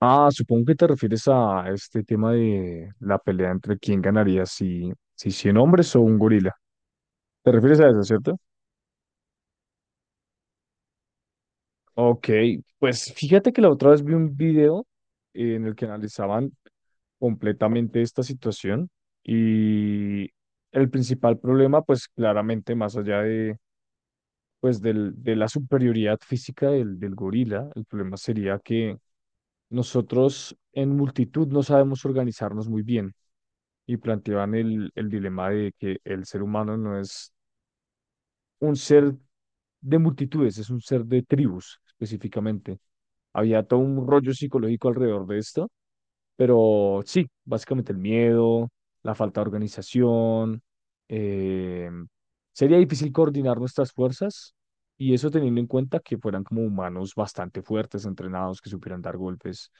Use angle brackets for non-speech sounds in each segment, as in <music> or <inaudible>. Supongo que te refieres a este tema de la pelea entre quién ganaría, si 100 hombres o un gorila. ¿Te refieres a eso, cierto? Ok, pues fíjate que la otra vez vi un video en el que analizaban completamente esta situación y el principal problema, pues claramente más allá de, pues, de la superioridad física del gorila, el problema sería que nosotros en multitud no sabemos organizarnos muy bien. Y planteaban el dilema de que el ser humano no es un ser de multitudes, es un ser de tribus específicamente. Había todo un rollo psicológico alrededor de esto, pero sí, básicamente el miedo, la falta de organización, eh, sería difícil coordinar nuestras fuerzas, y eso teniendo en cuenta que fueran como humanos bastante fuertes, entrenados, que supieran dar golpes,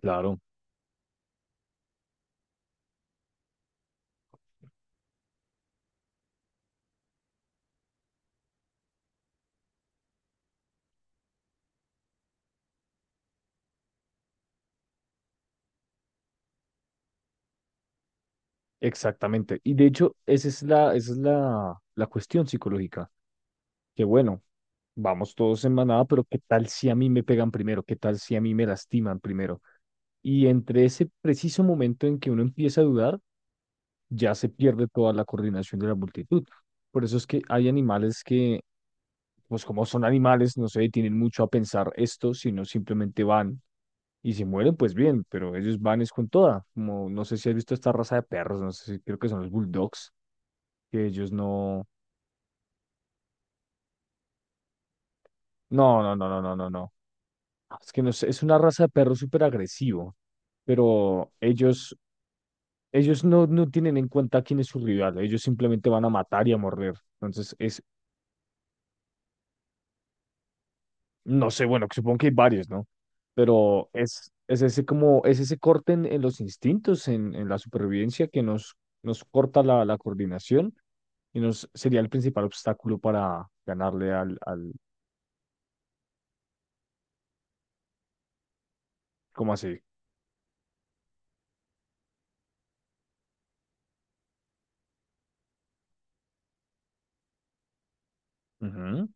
claro. Exactamente. Y de hecho, esa es la cuestión psicológica. Que bueno, vamos todos en manada, pero ¿qué tal si a mí me pegan primero? ¿Qué tal si a mí me lastiman primero? Y entre ese preciso momento en que uno empieza a dudar, ya se pierde toda la coordinación de la multitud. Por eso es que hay animales que, pues como son animales, no se detienen mucho a pensar esto, sino simplemente van, y si mueren, pues bien, pero ellos van es con toda. Como no sé si has visto esta raza de perros, no sé si creo que son los bulldogs, que ellos no. No, no, no, no, no, no, no. Es que no sé, es una raza de perro súper agresivo, pero ellos no, no tienen en cuenta quién es su rival, ellos simplemente van a matar y a morder. Entonces, no sé, bueno, supongo que hay varios, ¿no? Pero es ese como, es ese corte en los instintos, en la supervivencia que nos, nos corta la coordinación, y nos sería el principal obstáculo para ganarle al... ¿cómo así? Ujú.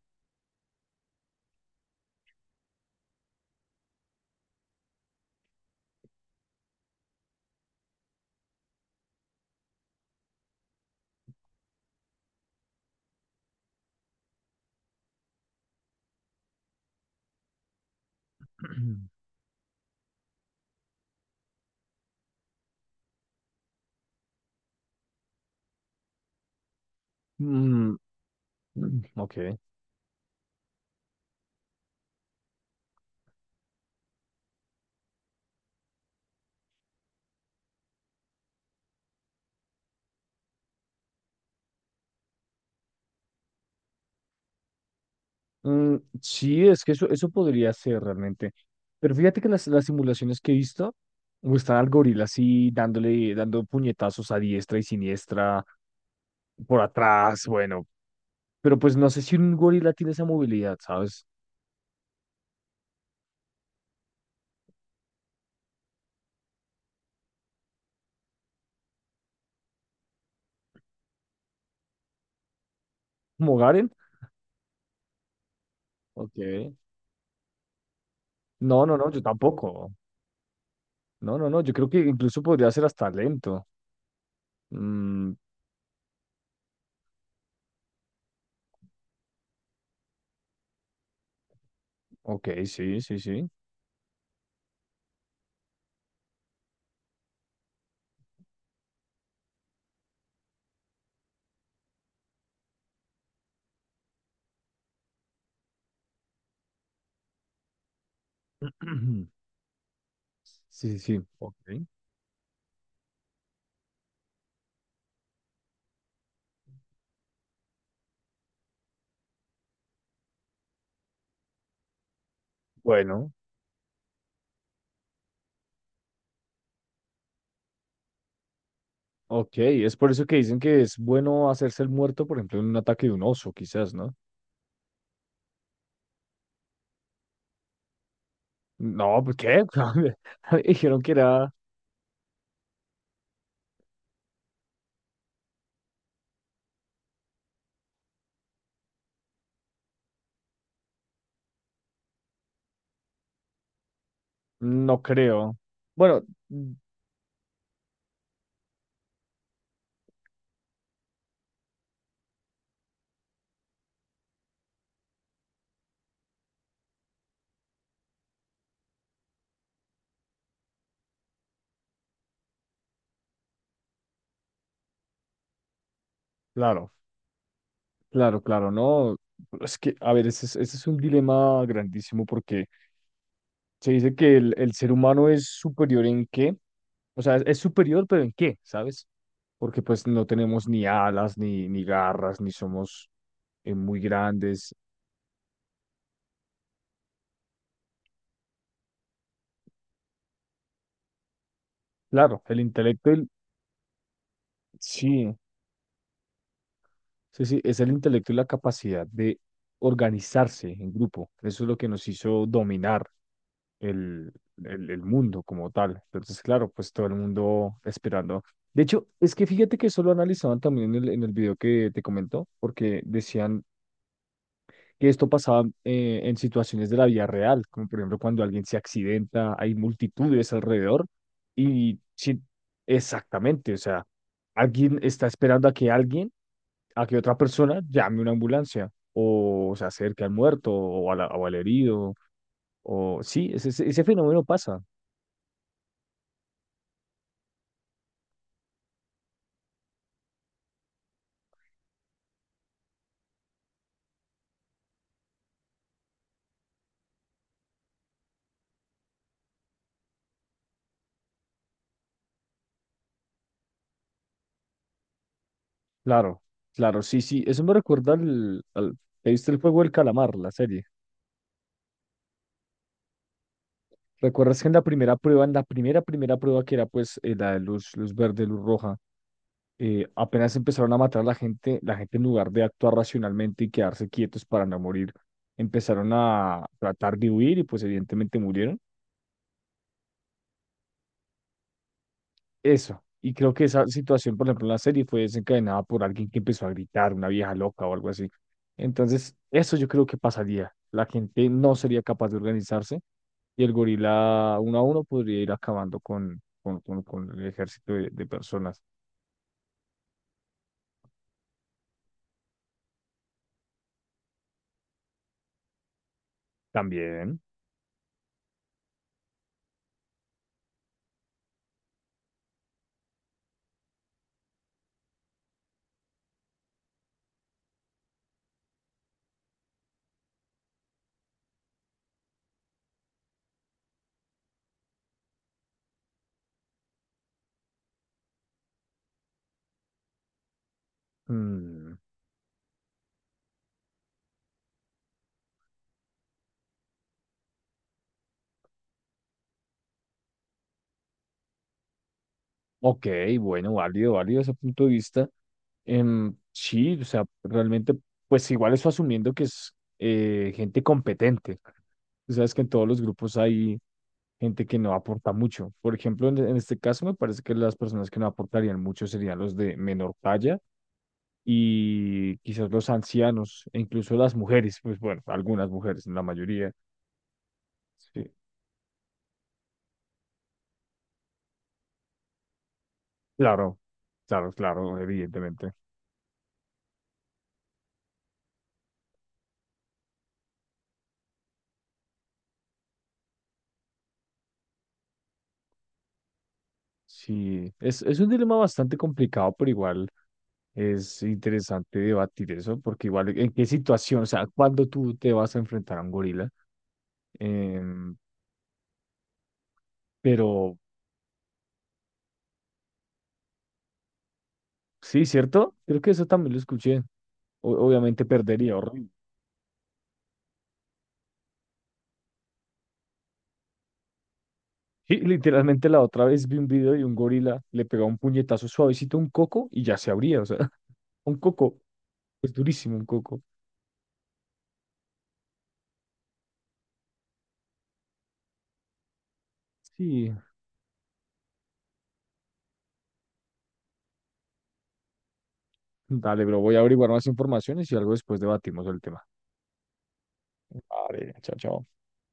<clears throat> Mm, ok. Mm, sí, es que eso podría ser realmente. Pero fíjate que las simulaciones que he visto muestran al gorila así dándole, dando puñetazos a diestra y siniestra por atrás, bueno, pero pues no sé si un gorila tiene esa movilidad, ¿sabes? ¿Como Garen? Ok. No, no, no, yo tampoco. No, no, no, yo creo que incluso podría ser hasta lento. Mm, ok, sí, sí, sí. <clears throat> Sí, sí, sí, ok. Bueno, ok, es por eso que dicen que es bueno hacerse el muerto, por ejemplo, en un ataque de un oso, quizás, ¿no? No, ¿por qué? <laughs> A mí me dijeron que era, no creo. Bueno, mm, claro, claro, claro, no. Es que, a ver, ese es un dilema grandísimo porque se dice que el ser humano es superior en qué, o sea, es superior, pero en qué, ¿sabes? Porque pues no tenemos ni alas, ni, ni garras, ni somos muy grandes. Claro, el intelecto, el- sí, sí, sí, es el intelecto y la capacidad de organizarse en grupo. Eso es lo que nos hizo dominar el, el mundo como tal. Entonces, claro, pues todo el mundo esperando. De hecho, es que fíjate que eso lo analizaban también en el video que te comento porque decían que esto pasaba en situaciones de la vida real, como por ejemplo cuando alguien se accidenta, hay multitudes alrededor y sí, exactamente, o sea, alguien está esperando a que alguien, a que otra persona llame una ambulancia o se acerque al muerto o, a la- o al herido. O sí, ese, ese fenómeno pasa. Claro, claro, sí, sí. Eso me recuerda al, al... ¿Te viste el juego del calamar, la serie? ¿Recuerdas que en la primera prueba, en la primera, primera prueba que era pues la de luz, luz verde, luz roja, apenas empezaron a matar a la gente en lugar de actuar racionalmente y quedarse quietos para no morir, empezaron a tratar de huir y pues evidentemente murieron. Eso. Y creo que esa situación, por ejemplo, en la serie fue desencadenada por alguien que empezó a gritar, una vieja loca o algo así. Entonces, eso yo creo que pasaría. La gente no sería capaz de organizarse y el gorila uno a uno podría ir acabando con el ejército de personas. También. Mm, ok, bueno, válido, válido ese punto de vista. Em, sí, o sea, realmente, pues igual eso asumiendo que es gente competente. Tú sabes que en todos los grupos hay gente que no aporta mucho. Por ejemplo, en este caso me parece que las personas que no aportarían mucho serían los de menor talla y quizás los ancianos e incluso las mujeres, pues bueno, algunas mujeres, la mayoría. Sí, claro, claro, claro, evidentemente. Sí, es un dilema bastante complicado, pero igual es interesante debatir eso, porque igual en qué situación, o sea, cuando tú te vas a enfrentar a un gorila, em, pero sí, ¿cierto? Creo que eso también lo escuché. O- obviamente perdería, horrible. Sí, literalmente la otra vez vi un video de un gorila, le pegaba un puñetazo suavecito a un coco y ya se abría, o sea, <laughs> un coco, es durísimo un coco. Sí, dale, bro, voy a averiguar más informaciones y algo después debatimos el tema. Vale, chao, chao.